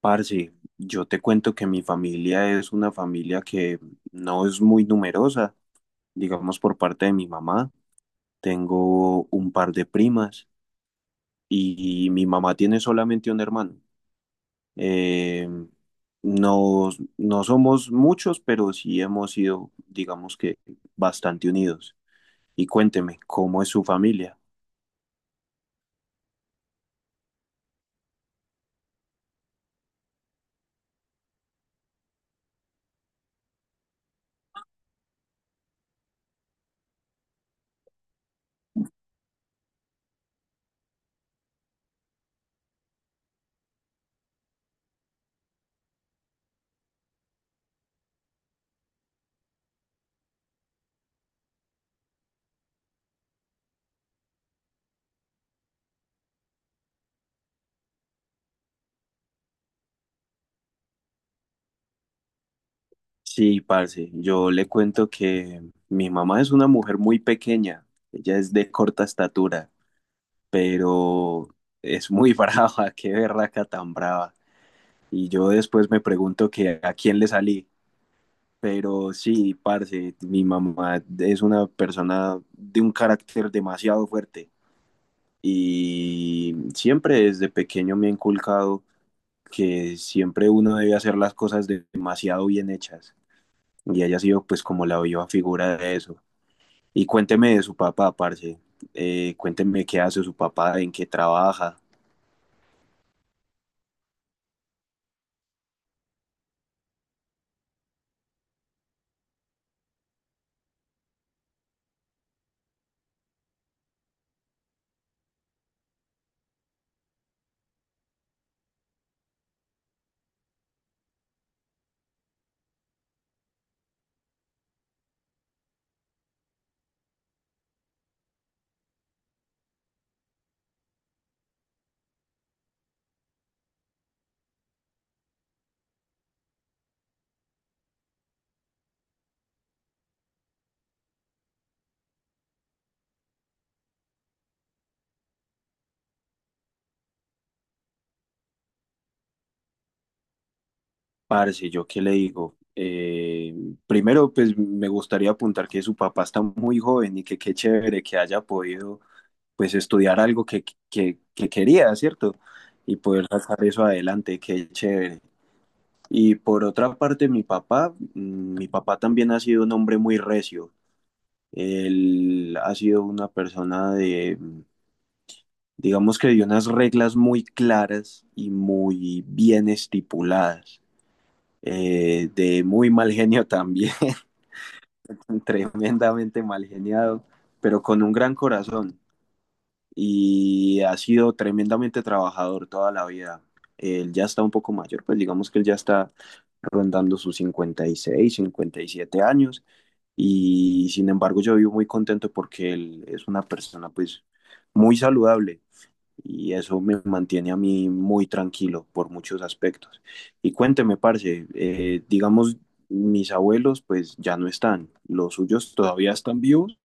Parce, yo te cuento que mi familia es una familia que no es muy numerosa, digamos por parte de mi mamá. Tengo un par de primas y mi mamá tiene solamente un hermano. Eh, no, no somos muchos, pero sí hemos sido, digamos que, bastante unidos. Y cuénteme, ¿cómo es su familia? Sí, parce, yo le cuento que mi mamá es una mujer muy pequeña, ella es de corta estatura, pero es muy brava, qué berraca tan brava. Y yo después me pregunto que a quién le salí. Pero sí, parce, mi mamá es una persona de un carácter demasiado fuerte y siempre desde pequeño me ha inculcado que siempre uno debe hacer las cosas demasiado bien hechas, y ella ha sido pues como la viva figura de eso. Y cuénteme de su papá, parce. Cuénteme qué hace su papá, en qué trabaja. Parce, ¿yo qué le digo? Primero, pues me gustaría apuntar que su papá está muy joven y que qué chévere que haya podido pues estudiar algo que quería, ¿cierto? Y poder sacar eso adelante, qué chévere. Y por otra parte, mi papá, mi papá también ha sido un hombre muy recio. Él ha sido una persona de, digamos que de unas reglas muy claras y muy bien estipuladas, de muy mal genio también, tremendamente mal geniado, pero con un gran corazón, y ha sido tremendamente trabajador toda la vida. Él ya está un poco mayor, pues digamos que él ya está rondando sus 50, 56, 57 años, y sin embargo yo vivo muy contento porque él es una persona pues muy saludable, y eso me mantiene a mí muy tranquilo por muchos aspectos. Y cuénteme, parce, digamos, mis abuelos pues ya no están, los suyos todavía están vivos.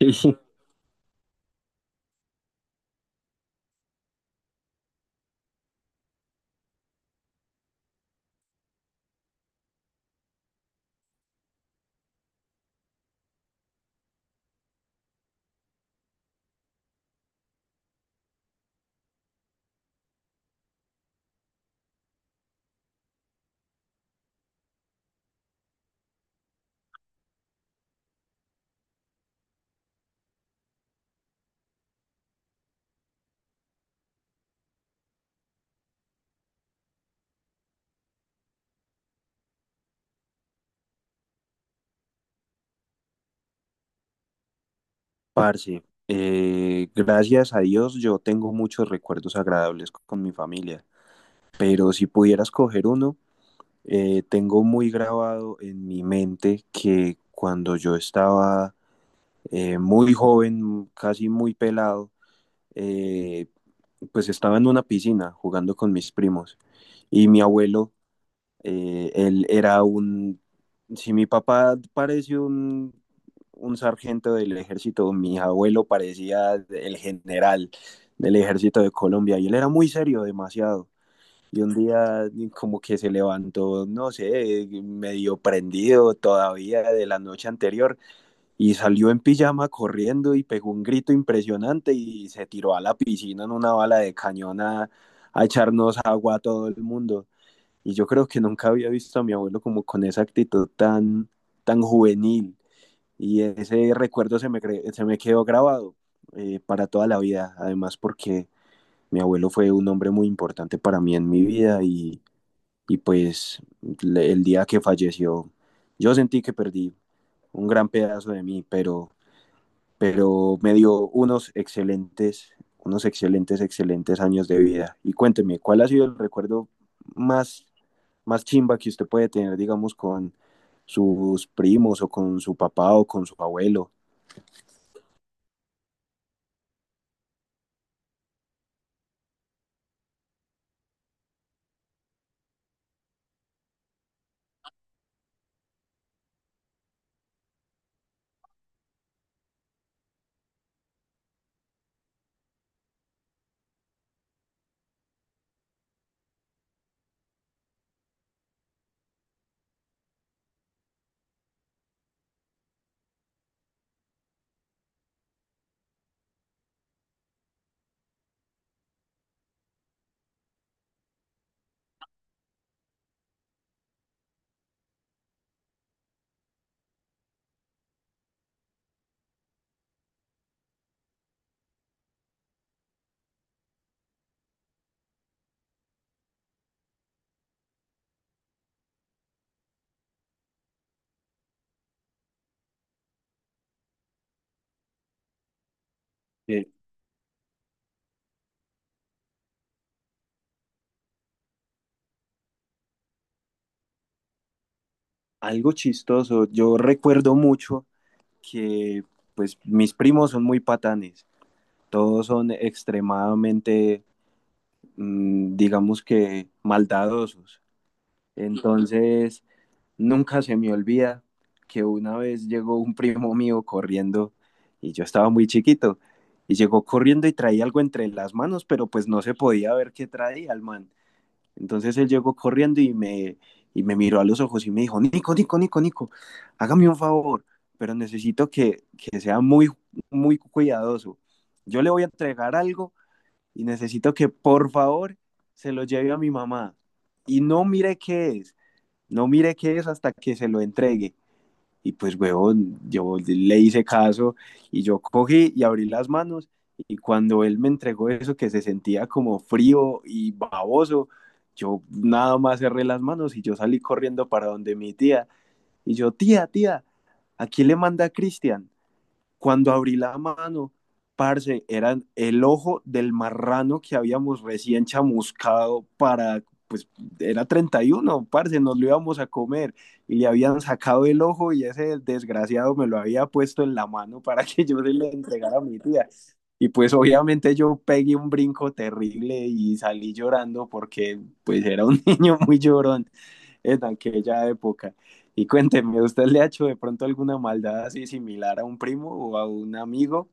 Sí. Parce, gracias a Dios yo tengo muchos recuerdos agradables con mi familia, pero si pudiera escoger uno, tengo muy grabado en mi mente que cuando yo estaba muy joven, casi muy pelado, eh, pues estaba en una piscina jugando con mis primos y mi abuelo. eh, él era un, si mi papá parece un sargento del ejército, mi abuelo parecía el general del ejército de Colombia, y él era muy serio, demasiado. Y un día como que se levantó, no sé, medio prendido todavía de la noche anterior, y salió en pijama corriendo y pegó un grito impresionante y se tiró a la piscina en una bala de cañón a echarnos agua a todo el mundo. Y yo creo que nunca había visto a mi abuelo como con esa actitud tan, tan juvenil. Y ese recuerdo se me quedó grabado para toda la vida. Además porque mi abuelo fue un hombre muy importante para mí en mi vida, y pues el día que falleció, yo sentí que perdí un gran pedazo de mí, pero me dio unos excelentes, excelentes años de vida. Y cuénteme, ¿cuál ha sido el recuerdo más, más chimba que usted puede tener, digamos, con sus primos o con su papá o con su abuelo? Eh, Algo chistoso, yo recuerdo mucho que pues mis primos son muy patanes, todos son extremadamente, digamos que, maldadosos. Entonces, nunca se me olvida que una vez llegó un primo mío corriendo y yo estaba muy chiquito, y llegó corriendo y traía algo entre las manos, pero pues no se podía ver qué traía el man. Entonces él llegó corriendo y me miró a los ojos y me dijo: Nico, Nico, Nico, Nico, hágame un favor, pero necesito que sea muy, muy cuidadoso. Yo le voy a entregar algo y necesito que por favor se lo lleve a mi mamá. Y no mire qué es, no mire qué es hasta que se lo entregue. Y pues, huevón, yo le hice caso, y yo cogí y abrí las manos, y cuando él me entregó eso que se sentía como frío y baboso, yo nada más cerré las manos y yo salí corriendo para donde mi tía. Y yo: tía, tía, ¿a quién le manda a Cristian? Cuando abrí la mano, parce, eran el ojo del marrano que habíamos recién chamuscado pues era 31, parce, nos lo íbamos a comer, y le habían sacado el ojo, y ese desgraciado me lo había puesto en la mano para que yo se lo entregara a mi tía. Y pues obviamente yo pegué un brinco terrible y salí llorando porque pues era un niño muy llorón en aquella época. Y cuénteme, ¿usted le ha hecho de pronto alguna maldad así similar a un primo o a un amigo?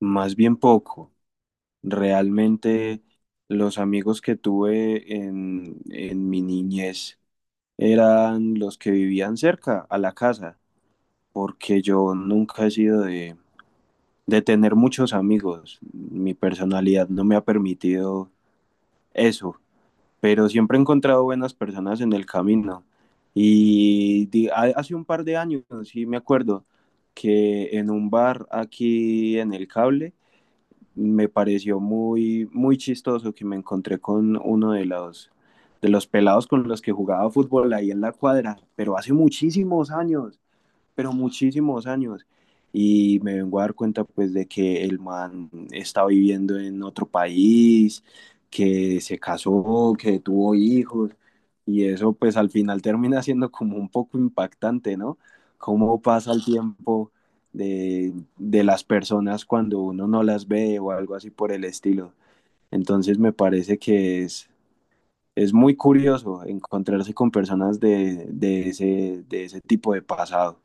Más bien poco. Realmente los amigos que tuve en mi niñez eran los que vivían cerca a la casa, porque yo nunca he sido de tener muchos amigos. Mi personalidad no me ha permitido eso. Pero siempre he encontrado buenas personas en el camino. Y hace un par de años, sí me acuerdo, que en un bar aquí en el cable me pareció muy, muy chistoso que me encontré con uno de los pelados con los que jugaba fútbol ahí en la cuadra, pero hace muchísimos años, pero muchísimos años. Y me vengo a dar cuenta pues de que el man está viviendo en otro país, que se casó, que tuvo hijos. Y eso pues al final termina siendo como un poco impactante, ¿no? Cómo pasa el tiempo de las personas cuando uno no las ve o algo así por el estilo. Entonces me parece que es muy curioso encontrarse con personas de ese tipo de pasado.